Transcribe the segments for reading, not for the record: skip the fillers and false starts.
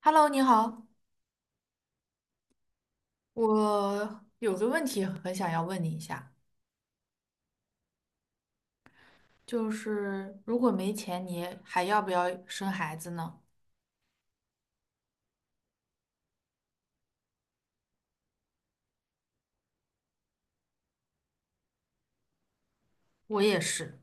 Hello，你好，我有个问题很想要问你一下，就是如果没钱，你还要不要生孩子呢？我也是，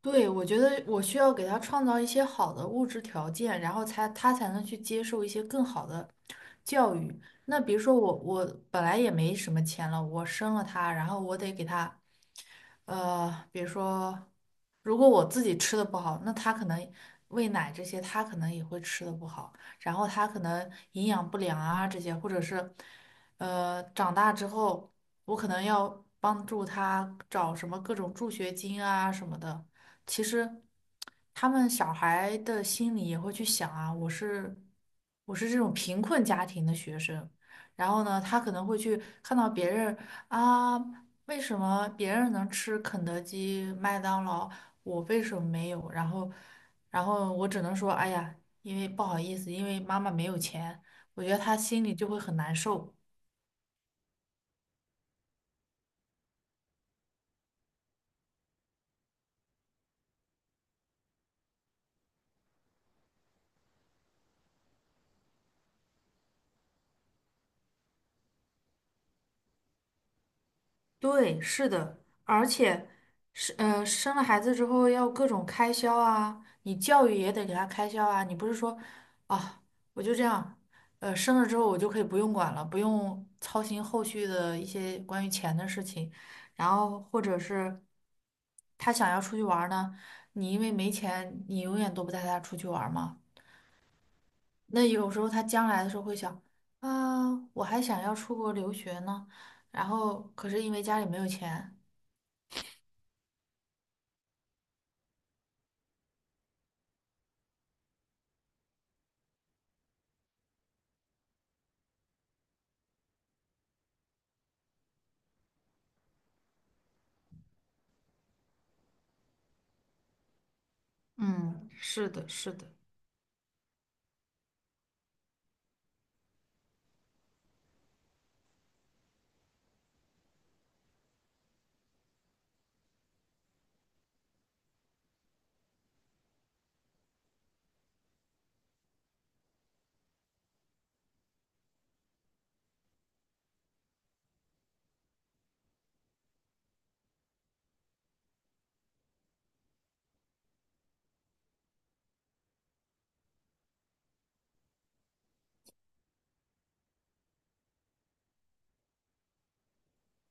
对，我觉得我需要给他创造一些好的物质条件，然后才他才能去接受一些更好的教育。那比如说我本来也没什么钱了，我生了他，然后我得给他，比如说，如果我自己吃的不好，那他可能喂奶这些，他可能也会吃的不好，然后他可能营养不良啊这些，或者是，长大之后我可能要帮助他找什么各种助学金啊什么的。其实他们小孩的心里也会去想啊，我是这种贫困家庭的学生，然后呢，他可能会去看到别人啊，为什么别人能吃肯德基、麦当劳，我为什么没有？然后，然后我只能说，哎呀，因为不好意思，因为妈妈没有钱。我觉得他心里就会很难受。对，是的，而且是生了孩子之后要各种开销啊，你教育也得给他开销啊，你不是说啊，我就这样，生了之后我就可以不用管了，不用操心后续的一些关于钱的事情，然后或者是他想要出去玩儿呢，你因为没钱，你永远都不带他出去玩儿嘛。那有时候他将来的时候会想啊，我还想要出国留学呢，然后可是因为家里没有钱。嗯，是的，是的，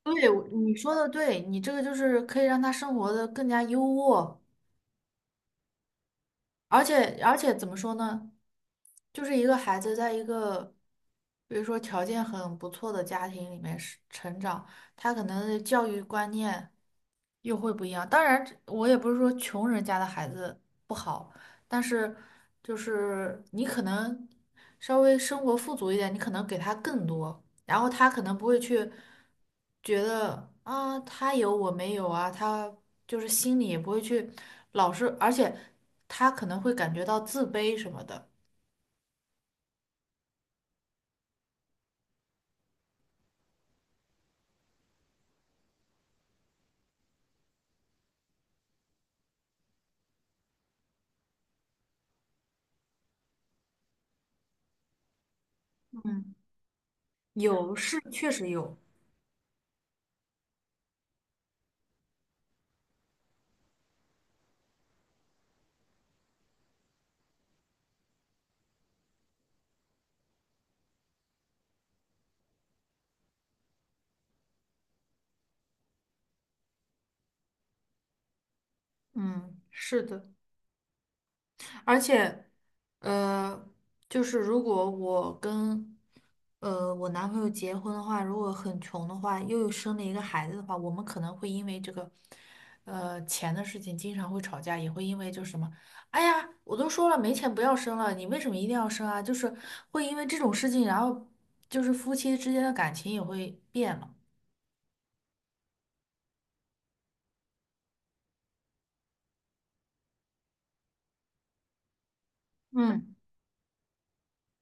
对，我你说的对，你这个就是可以让他生活的更加优渥，而且怎么说呢，就是一个孩子在一个，比如说条件很不错的家庭里面是成长，他可能的教育观念又会不一样。当然，我也不是说穷人家的孩子不好，但是就是你可能稍微生活富足一点，你可能给他更多。然后他可能不会去觉得啊，他有我没有啊，他就是心里也不会去老是，而且他可能会感觉到自卑什么的。嗯，有是确实有，嗯，是的。而且，呃，就是如果我跟我男朋友结婚的话，如果很穷的话，又有生了一个孩子的话，我们可能会因为这个钱的事情经常会吵架，也会因为就是什么，哎呀，我都说了没钱不要生了，你为什么一定要生啊？就是会因为这种事情，然后就是夫妻之间的感情也会变了。嗯，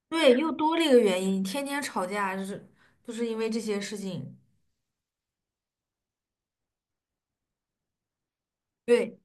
对，又多了一个原因，天天吵架，就是因为这些事情。对。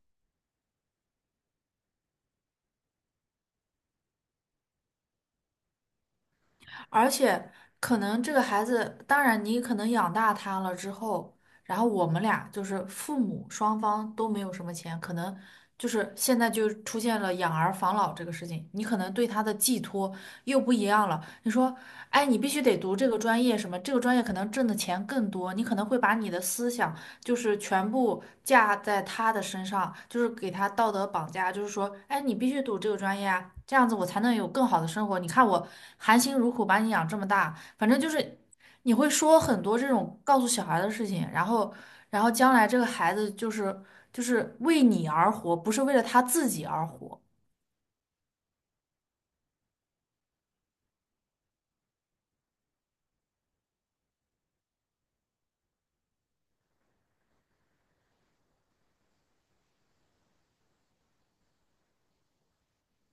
而且可能这个孩子，当然你可能养大他了之后，然后我们俩就是父母双方都没有什么钱，可能就是现在就出现了养儿防老这个事情，你可能对他的寄托又不一样了。你说，哎，你必须得读这个专业，什么这个专业可能挣的钱更多，你可能会把你的思想就是全部架在他的身上，就是给他道德绑架，就是说，哎，你必须读这个专业啊，这样子我才能有更好的生活。你看我含辛茹苦把你养这么大，反正就是。你会说很多这种告诉小孩的事情，然后，然后将来这个孩子就是为你而活，不是为了他自己而活。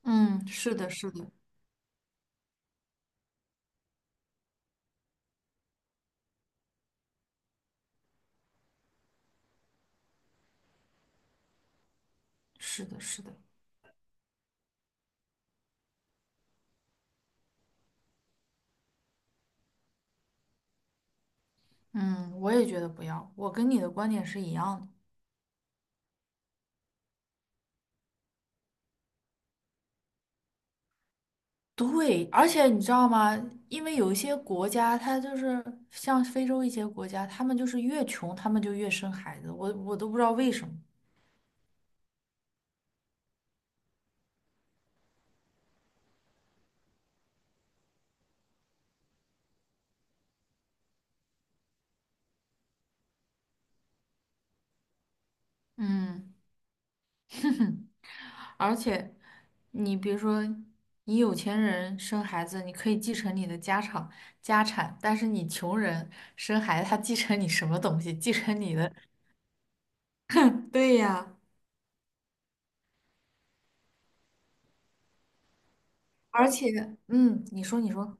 嗯，是的，是的，是的，是的，嗯，我也觉得不要，我跟你的观点是一样的。对，而且你知道吗？因为有一些国家，它就是像非洲一些国家，他们就是越穷，他们就越生孩子，我都不知道为什么。嗯。而且，你比如说，你有钱人生孩子，你可以继承你的家产，但是你穷人生孩子，他继承你什么东西？继承你的。对呀，而且，嗯，你说，你说。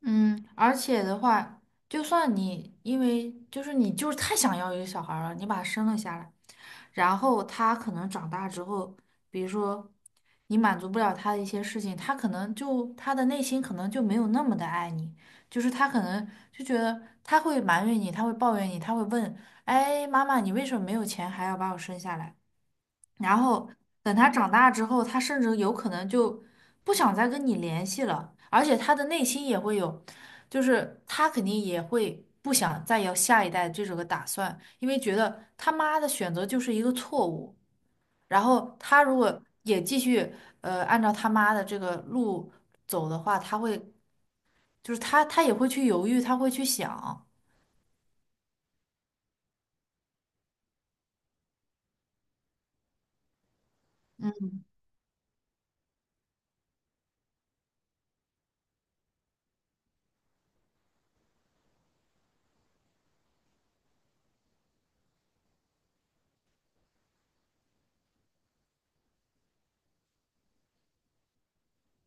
嗯，而且的话，就算你因为就是你就是太想要一个小孩儿了，你把他生了下来，然后他可能长大之后，比如说你满足不了他的一些事情，他可能就他的内心可能就没有那么的爱你，就是他可能就觉得他会埋怨你，他会抱怨你，他会问，哎，妈妈，你为什么没有钱还要把我生下来？然后等他长大之后，他甚至有可能就不想再跟你联系了，而且他的内心也会有，就是他肯定也会不想再有下一代这种个打算，因为觉得他妈的选择就是一个错误。然后他如果也继续按照他妈的这个路走的话，他会就是他也会去犹豫，他会去想。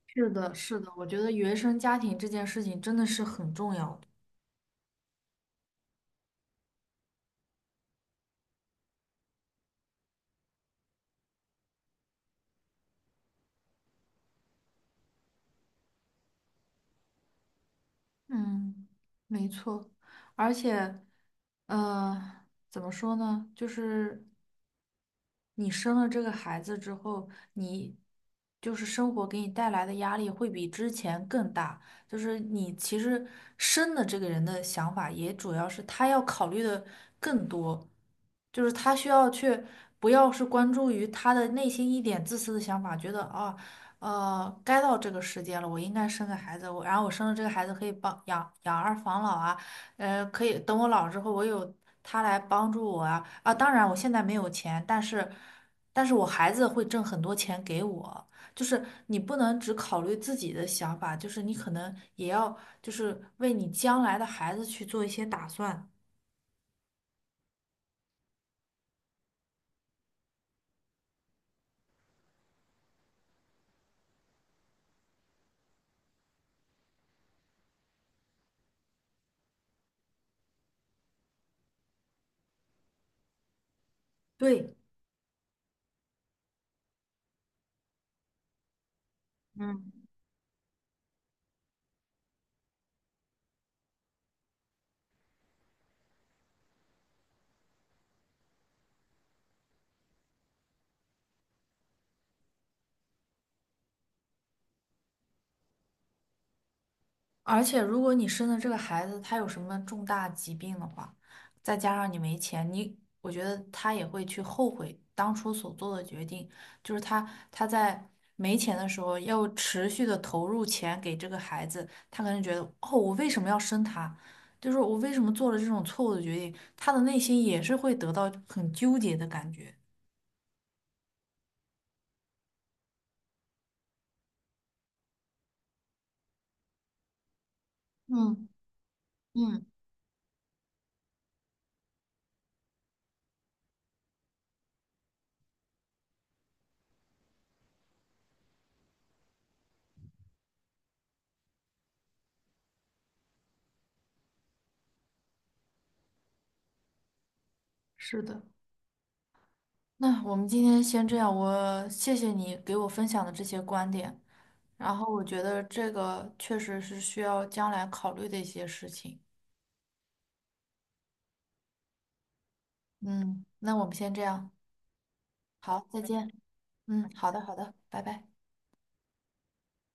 是的，是的，我觉得原生家庭这件事情真的是很重要的。嗯，没错，而且，怎么说呢？就是你生了这个孩子之后，你就是生活给你带来的压力会比之前更大。就是你其实生的这个人的想法，也主要是他要考虑的更多，就是他需要去不要是关注于他的内心一点自私的想法，觉得啊，该到这个时间了，我应该生个孩子，我然后我生了这个孩子可以帮养儿防老啊。呃，可以等我老了之后，我有他来帮助我啊啊！当然，我现在没有钱，但是，但是我孩子会挣很多钱给我。就是你不能只考虑自己的想法，就是你可能也要就是为你将来的孩子去做一些打算。对。嗯。而且，如果你生的这个孩子他有什么重大疾病的话，再加上你没钱，你我觉得他也会去后悔当初所做的决定。就是他在没钱的时候要持续的投入钱给这个孩子，他可能觉得哦，我为什么要生他？就是我为什么做了这种错误的决定？他的内心也是会得到很纠结的感觉。嗯嗯，是的，那我们今天先这样，我谢谢你给我分享的这些观点。然后我觉得这个确实是需要将来考虑的一些事情。嗯，那我们先这样，好，再见。嗯，好的，好的，拜拜。